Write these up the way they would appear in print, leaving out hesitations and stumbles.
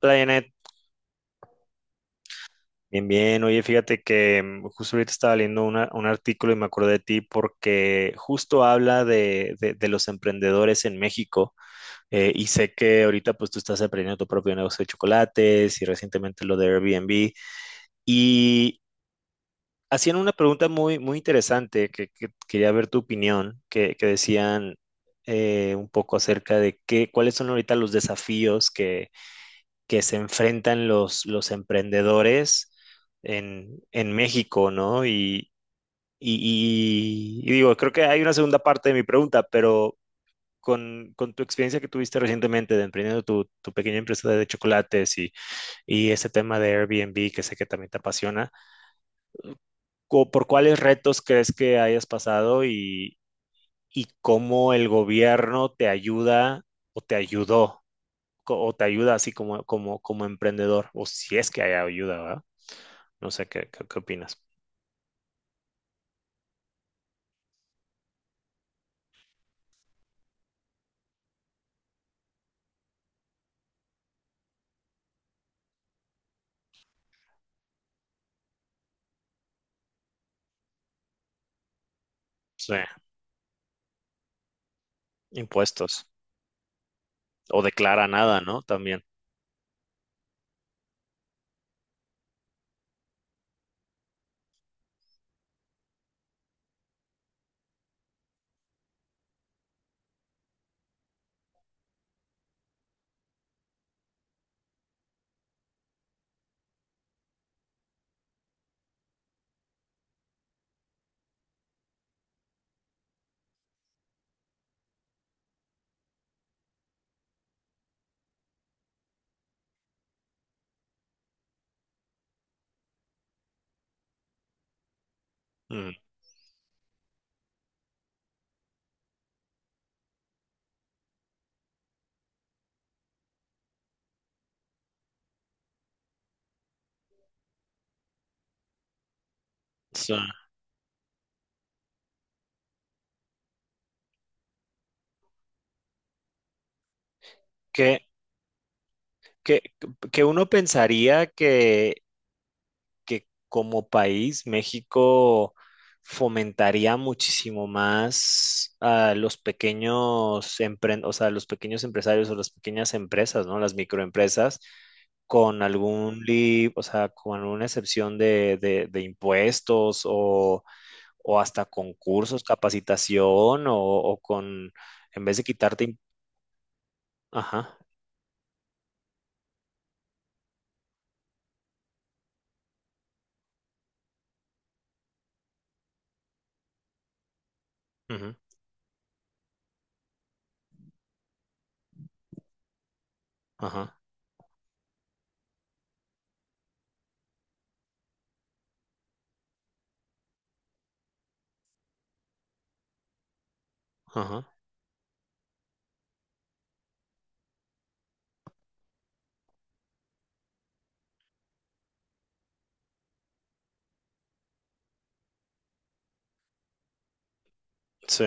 Hola, Janet. Bien, bien. Oye, fíjate que justo ahorita estaba leyendo un artículo y me acordé de ti porque justo habla de los emprendedores en México, y sé que ahorita pues tú estás aprendiendo tu propio negocio de chocolates y recientemente lo de Airbnb. Y hacían una pregunta muy, muy interesante que quería ver tu opinión, que decían un poco acerca de qué, cuáles son ahorita los desafíos que se enfrentan los emprendedores en México, ¿no? Y digo, creo que hay una segunda parte de mi pregunta, pero con tu experiencia que tuviste recientemente de emprendiendo tu pequeña empresa de chocolates y ese tema de Airbnb que sé que también te apasiona, ¿por cuáles retos crees que hayas pasado y cómo el gobierno te ayuda o te ayudó? O te ayuda así como, como, como emprendedor, o si es que hay ayuda, ¿verdad? No sé qué, qué, qué opinas. Sí, impuestos. O declara nada, ¿no? También. Mm, sí. Que, que, que uno pensaría que como país México fomentaría muchísimo más a los pequeños o sea, los pequeños empresarios o las pequeñas empresas, ¿no? Las microempresas con algún lib, o sea, con alguna excepción de impuestos o hasta con cursos, capacitación, o con, en vez de quitarte, im- ajá, ujú, ajá, ajá, sí,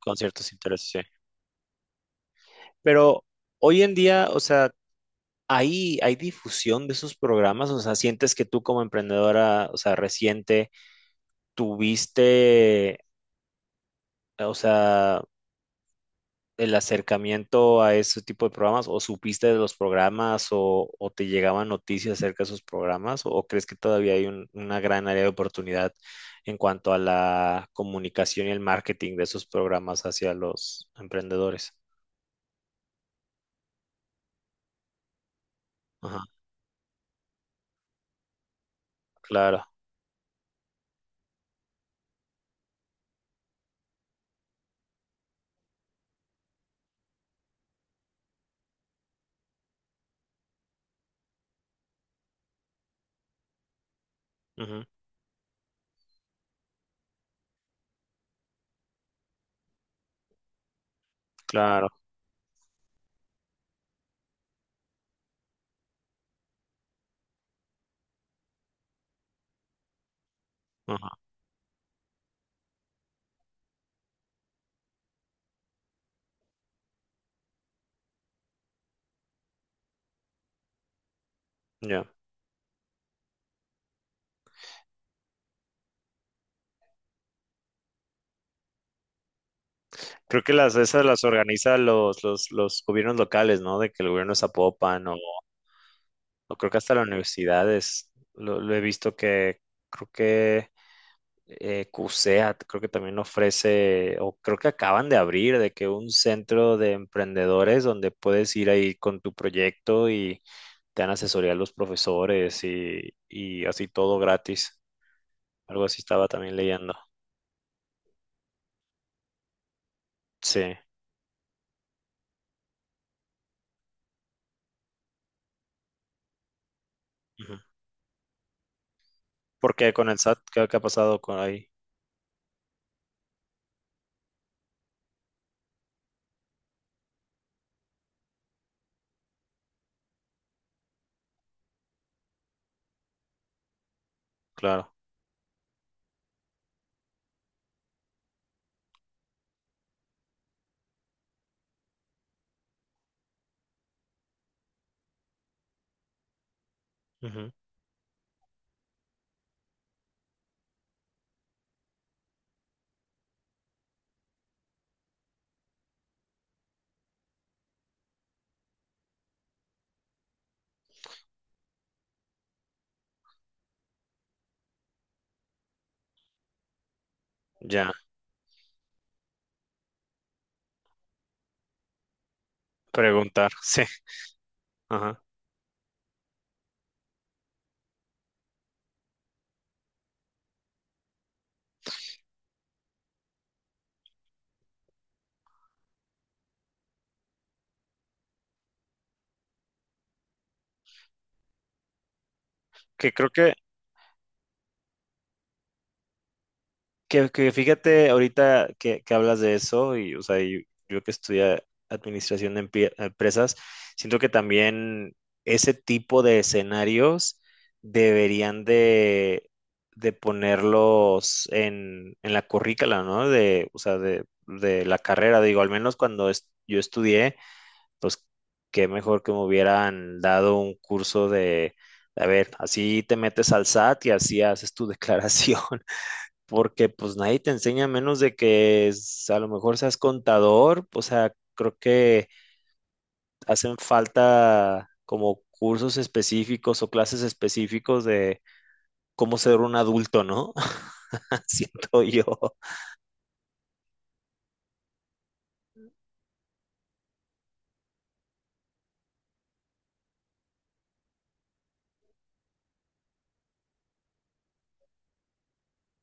con ciertos intereses, sí. Pero hoy en día, o sea, ¿hay, hay difusión de esos programas? O sea, ¿sientes que tú como emprendedora, o sea, reciente, tuviste, o sea, el acercamiento a ese tipo de programas o supiste de los programas o te llegaban noticias acerca de esos programas o crees que todavía hay una gran área de oportunidad en cuanto a la comunicación y el marketing de esos programas hacia los emprendedores? Ajá, claro, ujú, claro, ajá, ya. Creo que las esas las organizan los gobiernos locales, ¿no? De que el gobierno de Zapopan o creo que hasta las universidades. Lo he visto que creo que CUSEA creo que también ofrece, o creo que acaban de abrir, de que un centro de emprendedores donde puedes ir ahí con tu proyecto y te dan asesoría los profesores y así todo gratis. Algo así estaba también leyendo. Sí. Ujú. Porque con el SAT, ¿qué, qué ha pasado con ahí? Claro. Ujú. Ya, preguntar, sí. Ajá. Que creo que que fíjate, ahorita que hablas de eso, y o sea, y yo, que estudié administración de empresas, siento que también ese tipo de escenarios deberían de ponerlos en la currícula, ¿no? De, o sea, de la carrera, digo, al menos cuando es- yo estudié, pues qué mejor que me hubieran dado un curso de, a ver, así te metes al SAT y así haces tu declaración porque pues nadie te enseña menos de que es- a lo mejor seas contador, o sea, creo que hacen falta como cursos específicos o clases específicos de cómo ser un adulto, ¿no? Siento yo.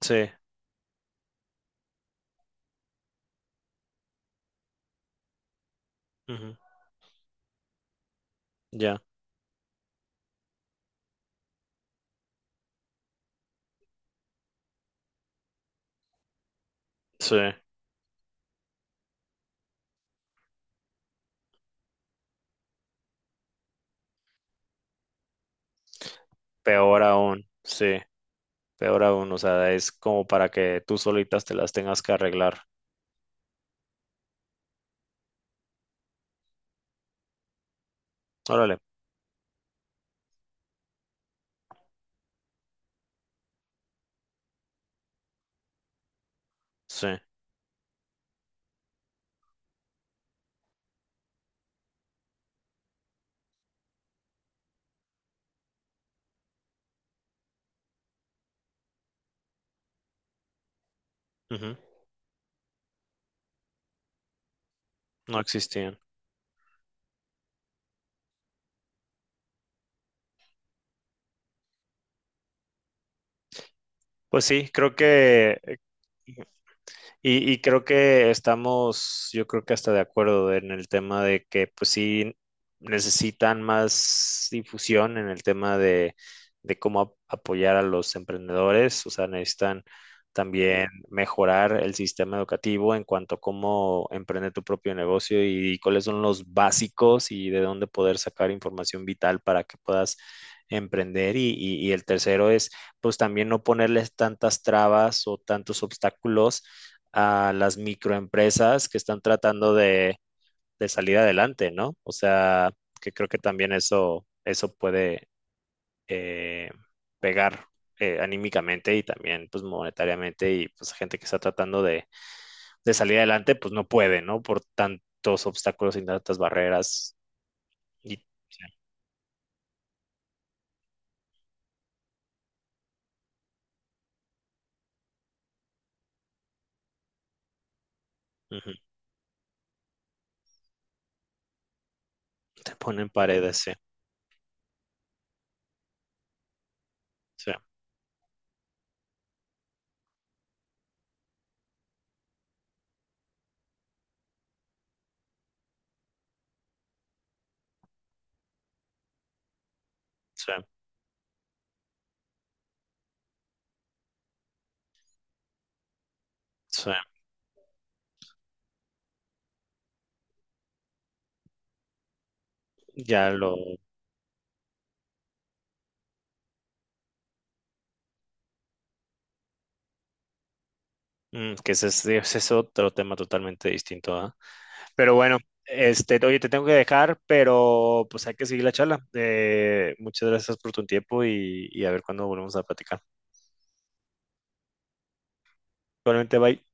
Sí, ujú, ya, sí, sí, peor aún, o sea, es como para que tú solitas te las tengas que arreglar. Órale, sí, ujú, no existían. Pues sí, creo que eh, y creo que estamos, yo creo que hasta de acuerdo en el tema de que pues sí necesitan más difusión en el tema de cómo apoyar a los emprendedores, o sea, necesitan también mejorar el sistema educativo en cuanto a cómo emprender tu propio negocio y, cuáles son los básicos y de dónde poder sacar información vital para que puedas emprender. Y el tercero es, pues también no ponerles tantas trabas o tantos obstáculos a las microempresas que están tratando de salir adelante, ¿no? O sea, que creo que también eso puede eh, pegar anímicamente y también pues monetariamente y pues gente que está tratando de salir adelante pues no puede, ¿no? Por tantos obstáculos y tantas barreras y sí, ujú, te ponen paredes, sí, sí, sí, sí. Ya lo... mm, que ese es otro tema totalmente distinto, ¿ah? Pero bueno, este, oye, te tengo que dejar, pero pues hay que seguir la charla. Muchas gracias por tu tiempo y a ver cuándo volvemos a platicar. Igualmente, bye.